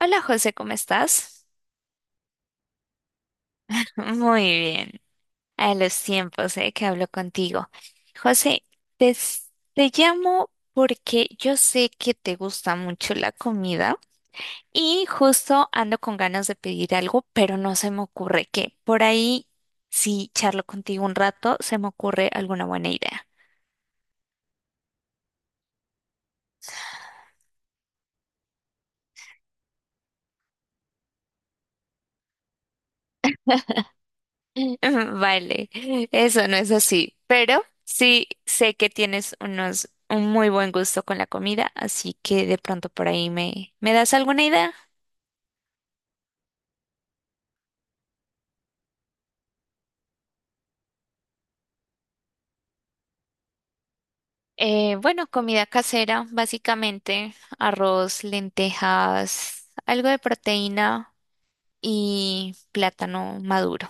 Hola José, ¿cómo estás? Muy bien, a los tiempos que hablo contigo. José, te, s- te llamo porque yo sé que te gusta mucho la comida y justo ando con ganas de pedir algo, pero no se me ocurre qué. Por ahí, si charlo contigo un rato, se me ocurre alguna buena idea. Vale, eso no es así, pero sí sé que tienes unos un muy buen gusto con la comida, así que de pronto por ahí ¿me das alguna idea? Bueno, comida casera, básicamente arroz, lentejas, algo de proteína y plátano maduro.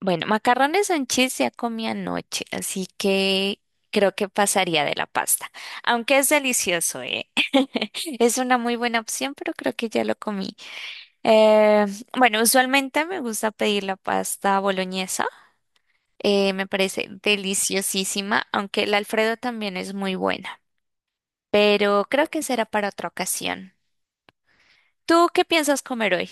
Bueno, macarrones en cheese ya comí anoche, así que creo que pasaría de la pasta. Aunque es delicioso, ¿eh? Es una muy buena opción, pero creo que ya lo comí. Eh, bueno, usualmente me gusta pedir la pasta boloñesa. Me parece deliciosísima, aunque el Alfredo también es muy buena. Pero creo que será para otra ocasión. ¿Tú qué piensas comer hoy?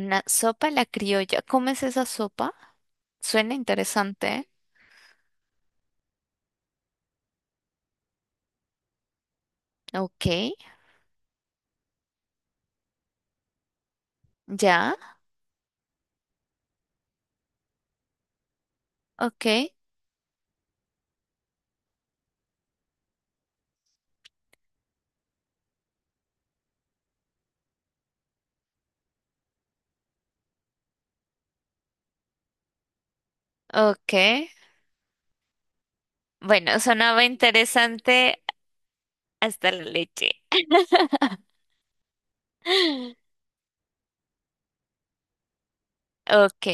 Una sopa a la criolla. ¿Comes esa sopa? Suena interesante. ¿Eh? Ok, ya. Ok, ok. Bueno, sonaba interesante hasta la leche. Ok,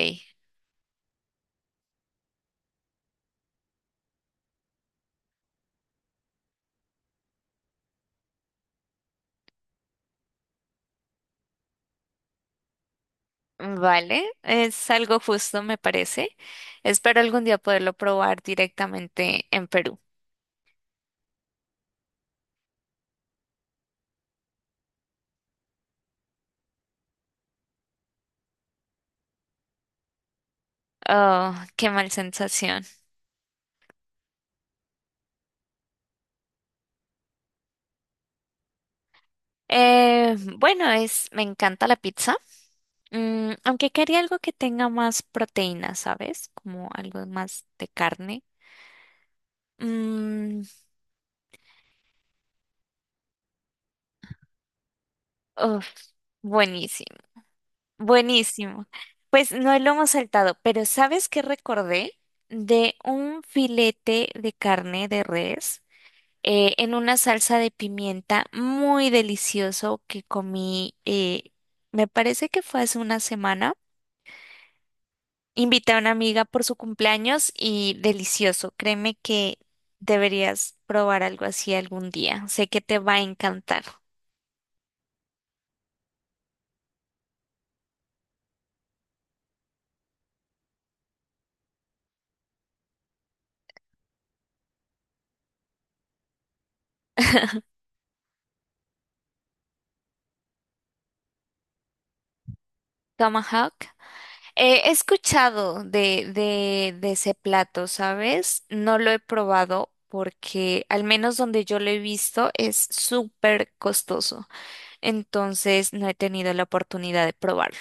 vale. Es algo justo, me parece. Espero algún día poderlo probar directamente en Perú. Oh, qué mal sensación. Bueno, es, me encanta la pizza. Mm, aunque quería algo que tenga más proteína, ¿sabes? Como algo más de carne. Mm, uf, buenísimo. Buenísimo. Pues no lo hemos saltado, pero ¿sabes qué recordé? De un filete de carne de res en una salsa de pimienta muy delicioso que comí, me parece que fue hace una semana. Invité a una amiga por su cumpleaños y delicioso. Créeme que deberías probar algo así algún día. Sé que te va a encantar. Tomahawk. He escuchado de ese plato, ¿sabes? No lo he probado porque al menos donde yo lo he visto es súper costoso. Entonces no he tenido la oportunidad de probarlo.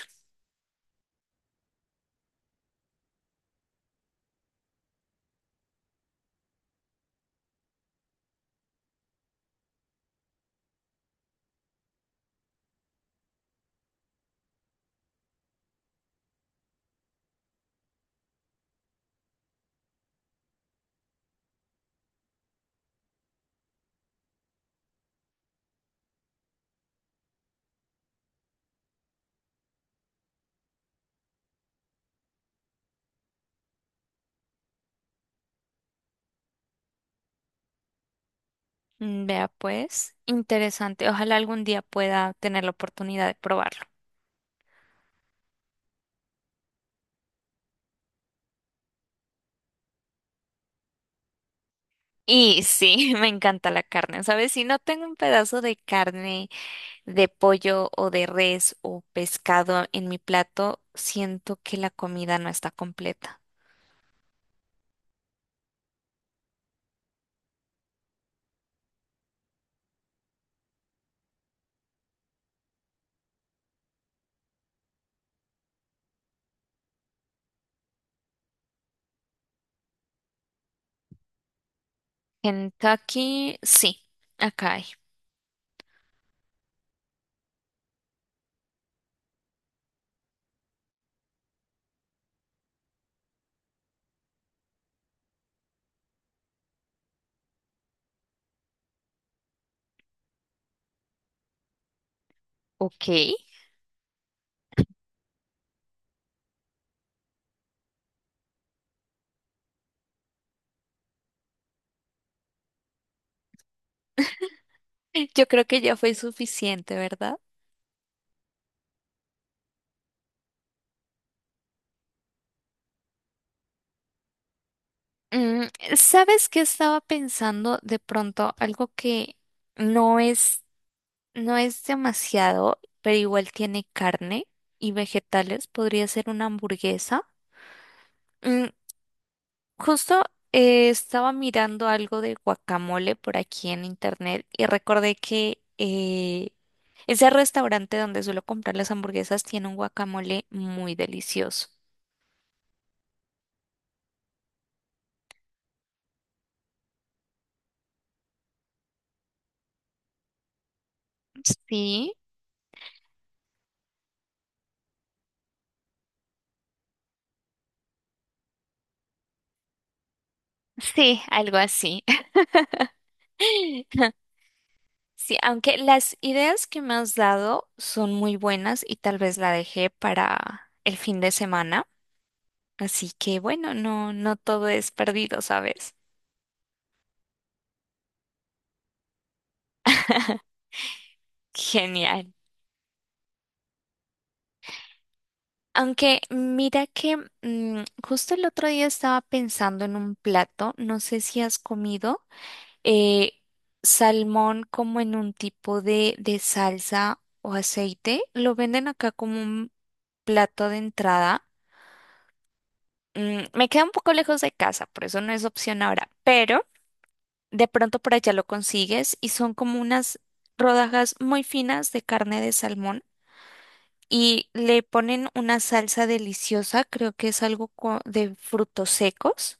Mm, vea pues, interesante. Ojalá algún día pueda tener la oportunidad de probarlo. Y sí, me encanta la carne, ¿sabes? Si no tengo un pedazo de carne, de pollo o de res o pescado en mi plato, siento que la comida no está completa. Kentucky, sí, acá hay. Ok. Yo creo que ya fue suficiente, ¿verdad? Mm, ¿sabes qué estaba pensando de pronto? Algo que no es, no es demasiado, pero igual tiene carne y vegetales. Podría ser una hamburguesa. Mm, justo estaba mirando algo de guacamole por aquí en internet y recordé que ese restaurante donde suelo comprar las hamburguesas tiene un guacamole muy delicioso. Sí, sí, algo así. Sí, aunque las ideas que me has dado son muy buenas y tal vez la dejé para el fin de semana. Así que bueno, no, no todo es perdido, ¿sabes? Genial. Aunque mira que justo el otro día estaba pensando en un plato, no sé si has comido eh, salmón como en un tipo de salsa o aceite, lo venden acá como un plato de entrada. Mm, me queda un poco lejos de casa, por eso no es opción ahora, pero de pronto por allá lo consigues y son como unas rodajas muy finas de carne de salmón y le ponen una salsa deliciosa, creo que es algo de frutos secos,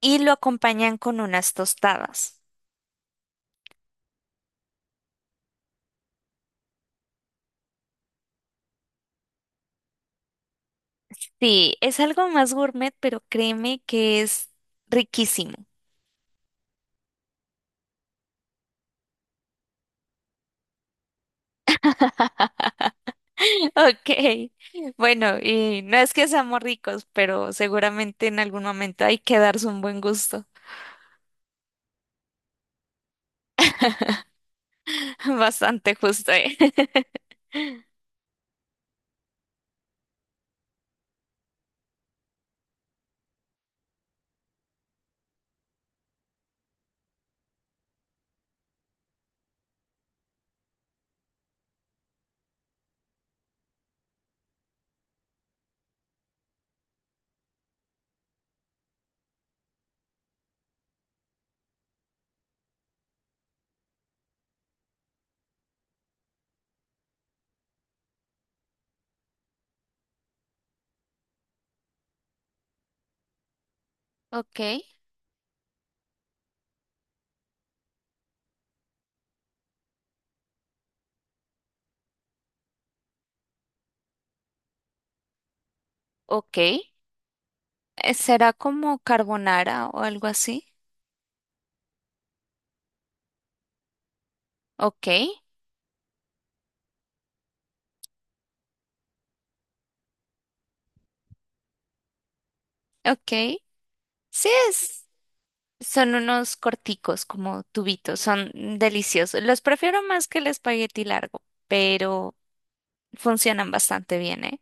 y lo acompañan con unas tostadas. Sí, es algo más gourmet, pero créeme que es riquísimo. Ok, bueno, y no es que seamos ricos, pero seguramente en algún momento hay que darse un buen gusto, bastante justo, ¿eh? Ok, ok. ¿Será como carbonara o algo así? Ok, ok. Sí es. Son unos corticos, como tubitos, son deliciosos. Los prefiero más que el espagueti largo, pero funcionan bastante bien, ¿eh?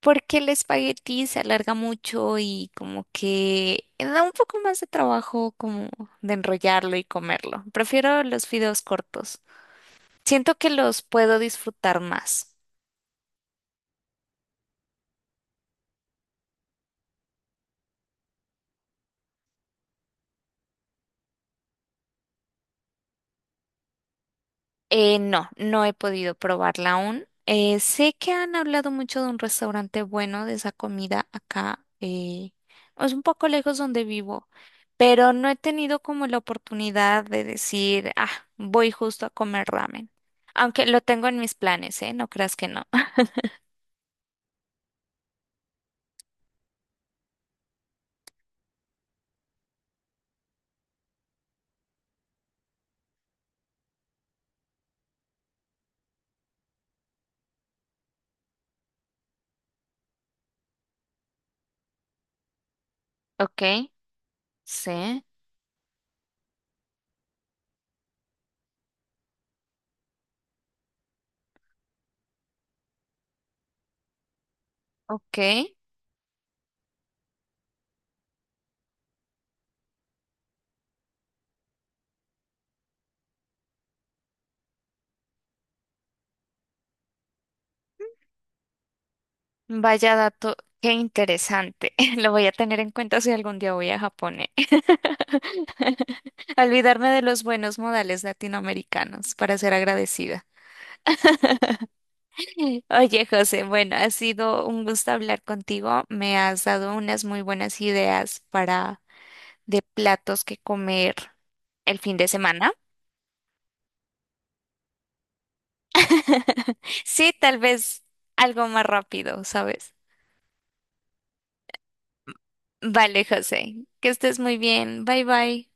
Porque el espagueti se alarga mucho y como que da un poco más de trabajo como de enrollarlo y comerlo. Prefiero los fideos cortos. Siento que los puedo disfrutar más. No, no he podido probarla aún. Sé que han hablado mucho de un restaurante bueno de esa comida acá. Es un poco lejos donde vivo, pero no he tenido como la oportunidad de decir, ah, voy justo a comer ramen. Aunque lo tengo en mis planes, ¿eh? No creas que no. Ok, sí, ok. Vaya dato, qué interesante. Lo voy a tener en cuenta si algún día voy a Japón, ¿eh? Olvidarme de los buenos modales latinoamericanos para ser agradecida. Oye, José, bueno, ha sido un gusto hablar contigo. Me has dado unas muy buenas ideas para de platos que comer el fin de semana. Sí, tal vez algo más rápido, ¿sabes? Vale, José, que estés muy bien. Bye bye.